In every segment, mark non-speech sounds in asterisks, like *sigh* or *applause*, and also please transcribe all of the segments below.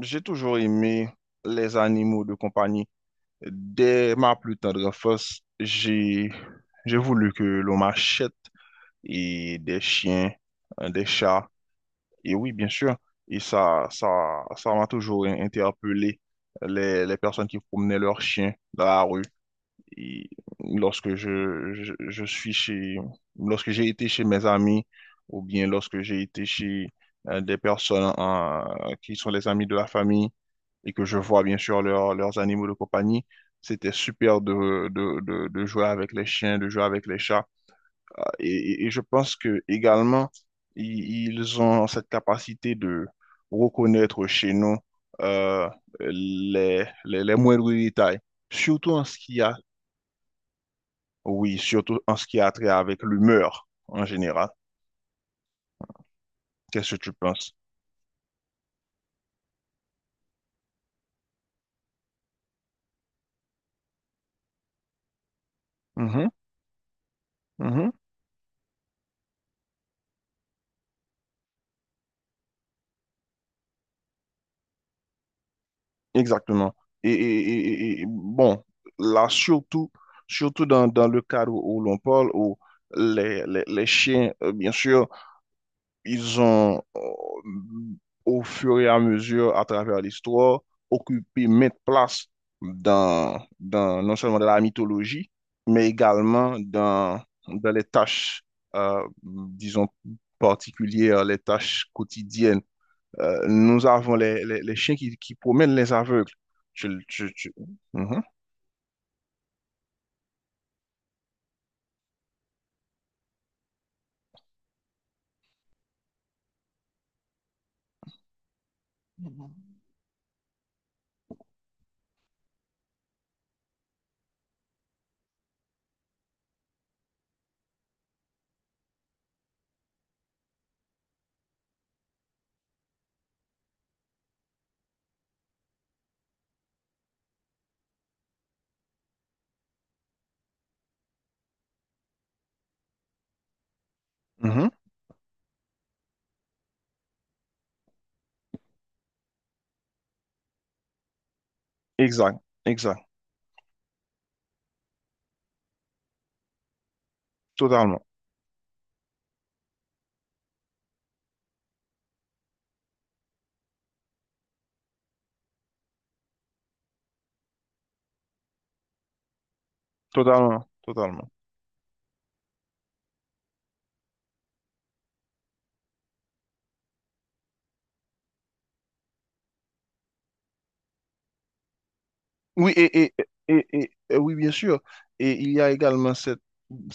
J'ai toujours aimé les animaux de compagnie. Dès ma plus tendre enfance, j'ai voulu que l'on m'achète et des chiens, des chats, et oui, bien sûr. Et ça m'a toujours interpellé les personnes qui promenaient leurs chiens dans la rue. Et lorsque je suis chez, lorsque j'ai été chez mes amis ou bien lorsque j'ai été chez des personnes qui sont les amis de la famille et que je vois bien sûr leurs animaux de compagnie, c'était super de jouer avec les chiens, de jouer avec les chats. Et et je pense que également, ils ont cette capacité de reconnaître chez nous euh, les moindres détails surtout en ce qui a oui, surtout en ce qui a trait avec l'humeur en général. Qu'est-ce que tu penses? Mhm, mhm, exactement. Bon, là, surtout, surtout dans le cadre où l'on parle, où les chiens, bien sûr, ils ont, au fur et à mesure, à travers l'histoire, occupé maintes places dans, non seulement dans la mythologie, mais également dans les tâches, disons, particulières, les tâches quotidiennes. Nous avons les chiens qui promènent les aveugles. Tu- tu- tu- Mhm, mhm. Exact, exact, totalement, totalement, totalement. Oui, et oui, bien sûr. Et il y a également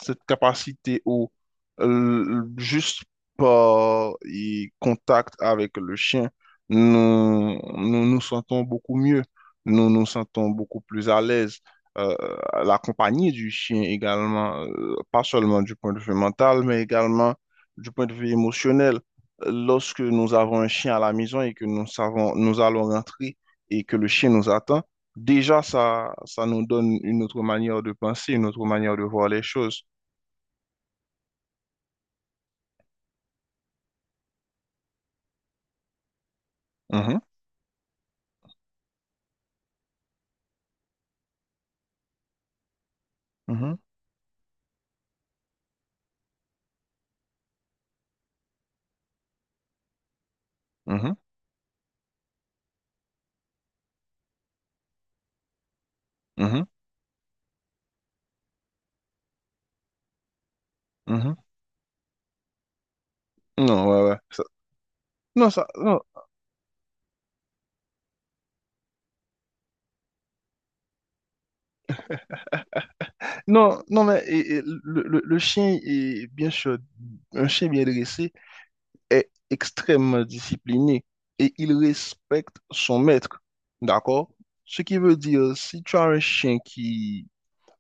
cette capacité où, juste par contact avec le chien, nous nous sentons beaucoup mieux, nous nous sentons beaucoup plus à l'aise. Euh, la compagnie du chien également, pas seulement du point de vue mental, mais également du point de vue émotionnel. Lorsque nous avons un chien à la maison et que nous savons, nous allons rentrer et que le chien nous attend, déjà, ça nous donne une autre manière de penser, une autre manière de voir les choses. Mhm, mhm, mhm, mhm, mhm. Non, ouais, ouais. Non, ça, non, non, non, mais et le chien est bien sûr, un chien bien dressé est extrêmement discipliné et il respecte son maître. D'accord? Ce qui veut dire, si tu as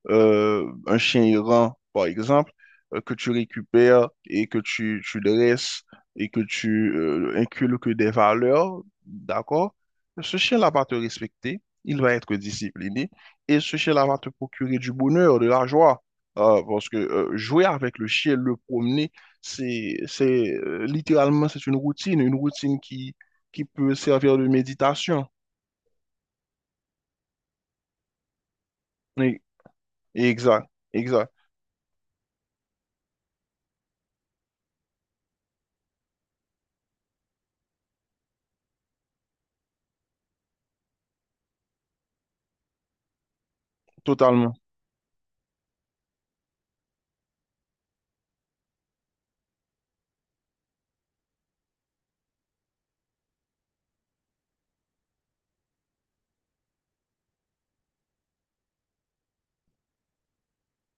un chien errant, par exemple, que tu récupères et que tu dresses et que tu inculques des valeurs, d'accord? Ce chien-là va te respecter, il va être discipliné et ce chien-là va te procurer du bonheur, de la joie. Parce que jouer avec le chien, le promener, c'est littéralement, c'est une routine qui peut servir de méditation. Oui, exact, exact, totalement.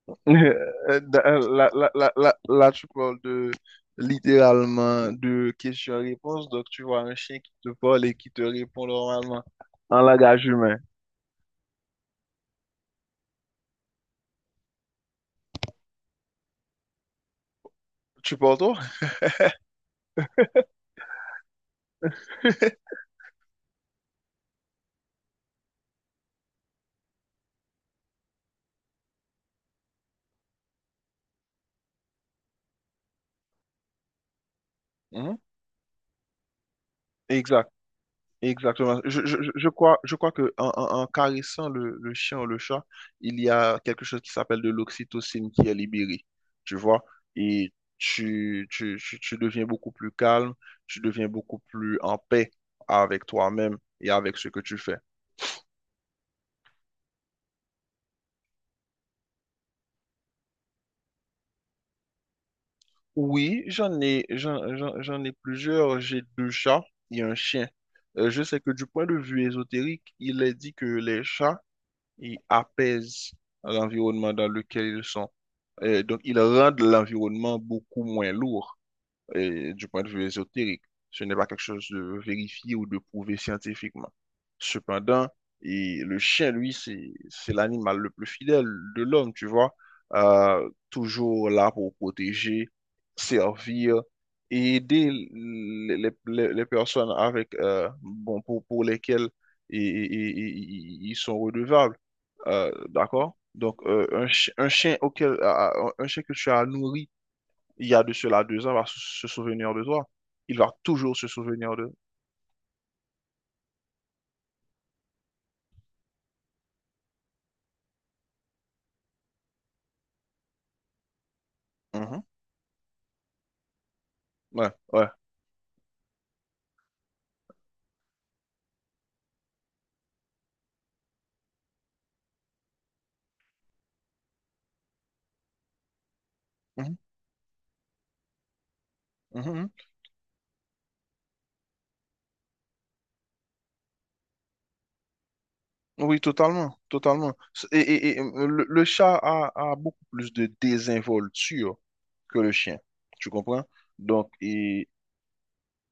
*laughs* Là, là, tu parles de littéralement de questions-réponses. Donc, tu vois un chien qui te parle et qui te répond normalement en langage humain. Tu parles toi? *laughs* Exact. Exactement. Je je crois que en en- caressant le chien ou le chat, il y a quelque chose qui s'appelle de l'oxytocine qui est libérée, tu vois, et tu deviens beaucoup plus calme, tu deviens beaucoup plus en paix avec toi-même et avec ce que tu fais. Oui, j'en ai plusieurs. J'ai deux chats et un chien. Je sais que du point de vue ésotérique, il est dit que les chats ils apaisent l'environnement dans lequel ils sont. Donc, ils rendent l'environnement beaucoup moins lourd et du point de vue ésotérique. Ce n'est pas quelque chose de vérifié ou de prouvé scientifiquement. Cependant, et le chien, lui, c'est l'animal le plus fidèle de l'homme, tu vois. Toujours là pour protéger, servir et aider les personnes avec, bon, pour lesquelles ils sont redevables. D'accord? Donc, un chien auquel, un chien que tu as nourri, il y a de cela deux ans, va se souvenir de toi. Il va toujours se souvenir de. Mhm. Ouais, ouais. Mhm, mhm, mhm. Oui, totalement, totalement. Et, et, le chat a, a beaucoup plus de désinvolture que le chien, tu comprends? Donc,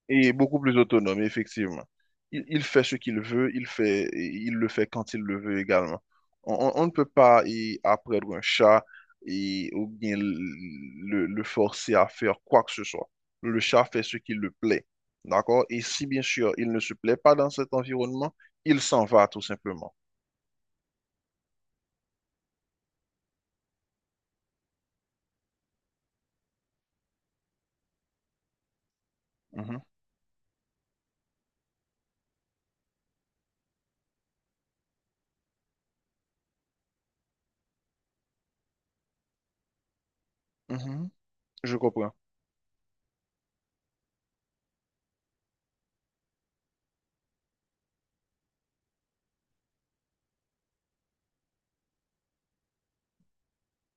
et beaucoup plus autonome, effectivement. Il fait ce qu'il veut, il fait, et il le fait quand il le veut également. On on ne peut pas y apprendre un chat et, ou bien le forcer à faire quoi que ce soit. Le chat fait ce qu'il le plaît. D'accord? Et si, bien sûr, il ne se plaît pas dans cet environnement, il s'en va tout simplement. Mhm, mhm, je comprends.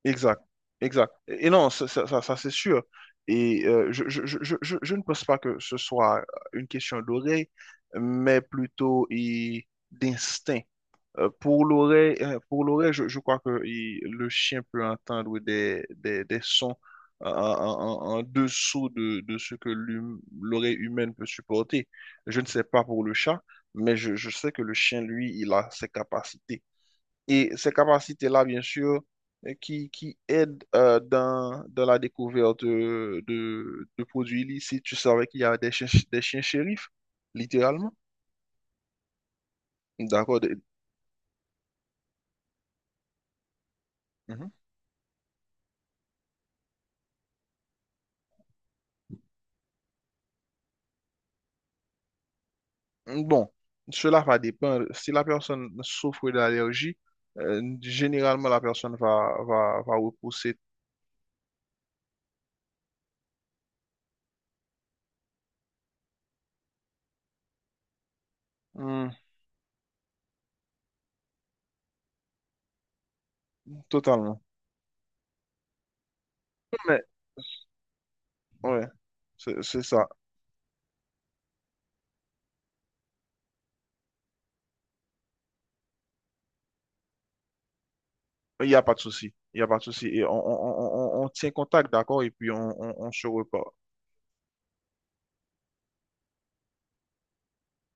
Exact, exact. Et non, ça, c'est sûr. Et je ne pense pas que ce soit une question d'oreille, mais plutôt et, d'instinct. Pour l'oreille, je crois que le chien peut entendre des sons en dessous de ce que l'oreille humaine peut supporter. Je ne sais pas pour le chat, mais je sais que le chien, lui, il a ses capacités. Et ces capacités-là, bien sûr, qui aident dans, dans la découverte de produits illicites. Tu savais qu'il y a des chiens shérifs, littéralement. D'accord. Mhm. Bon, cela va dépendre. Si la personne souffre d'allergie, généralement, la personne va repousser. Hmm, totalement. Mais, ouais, c'est ça. Il n'y a pas de souci. Il n'y a pas de souci. Et on tient contact, d'accord? Et puis, on se reparle.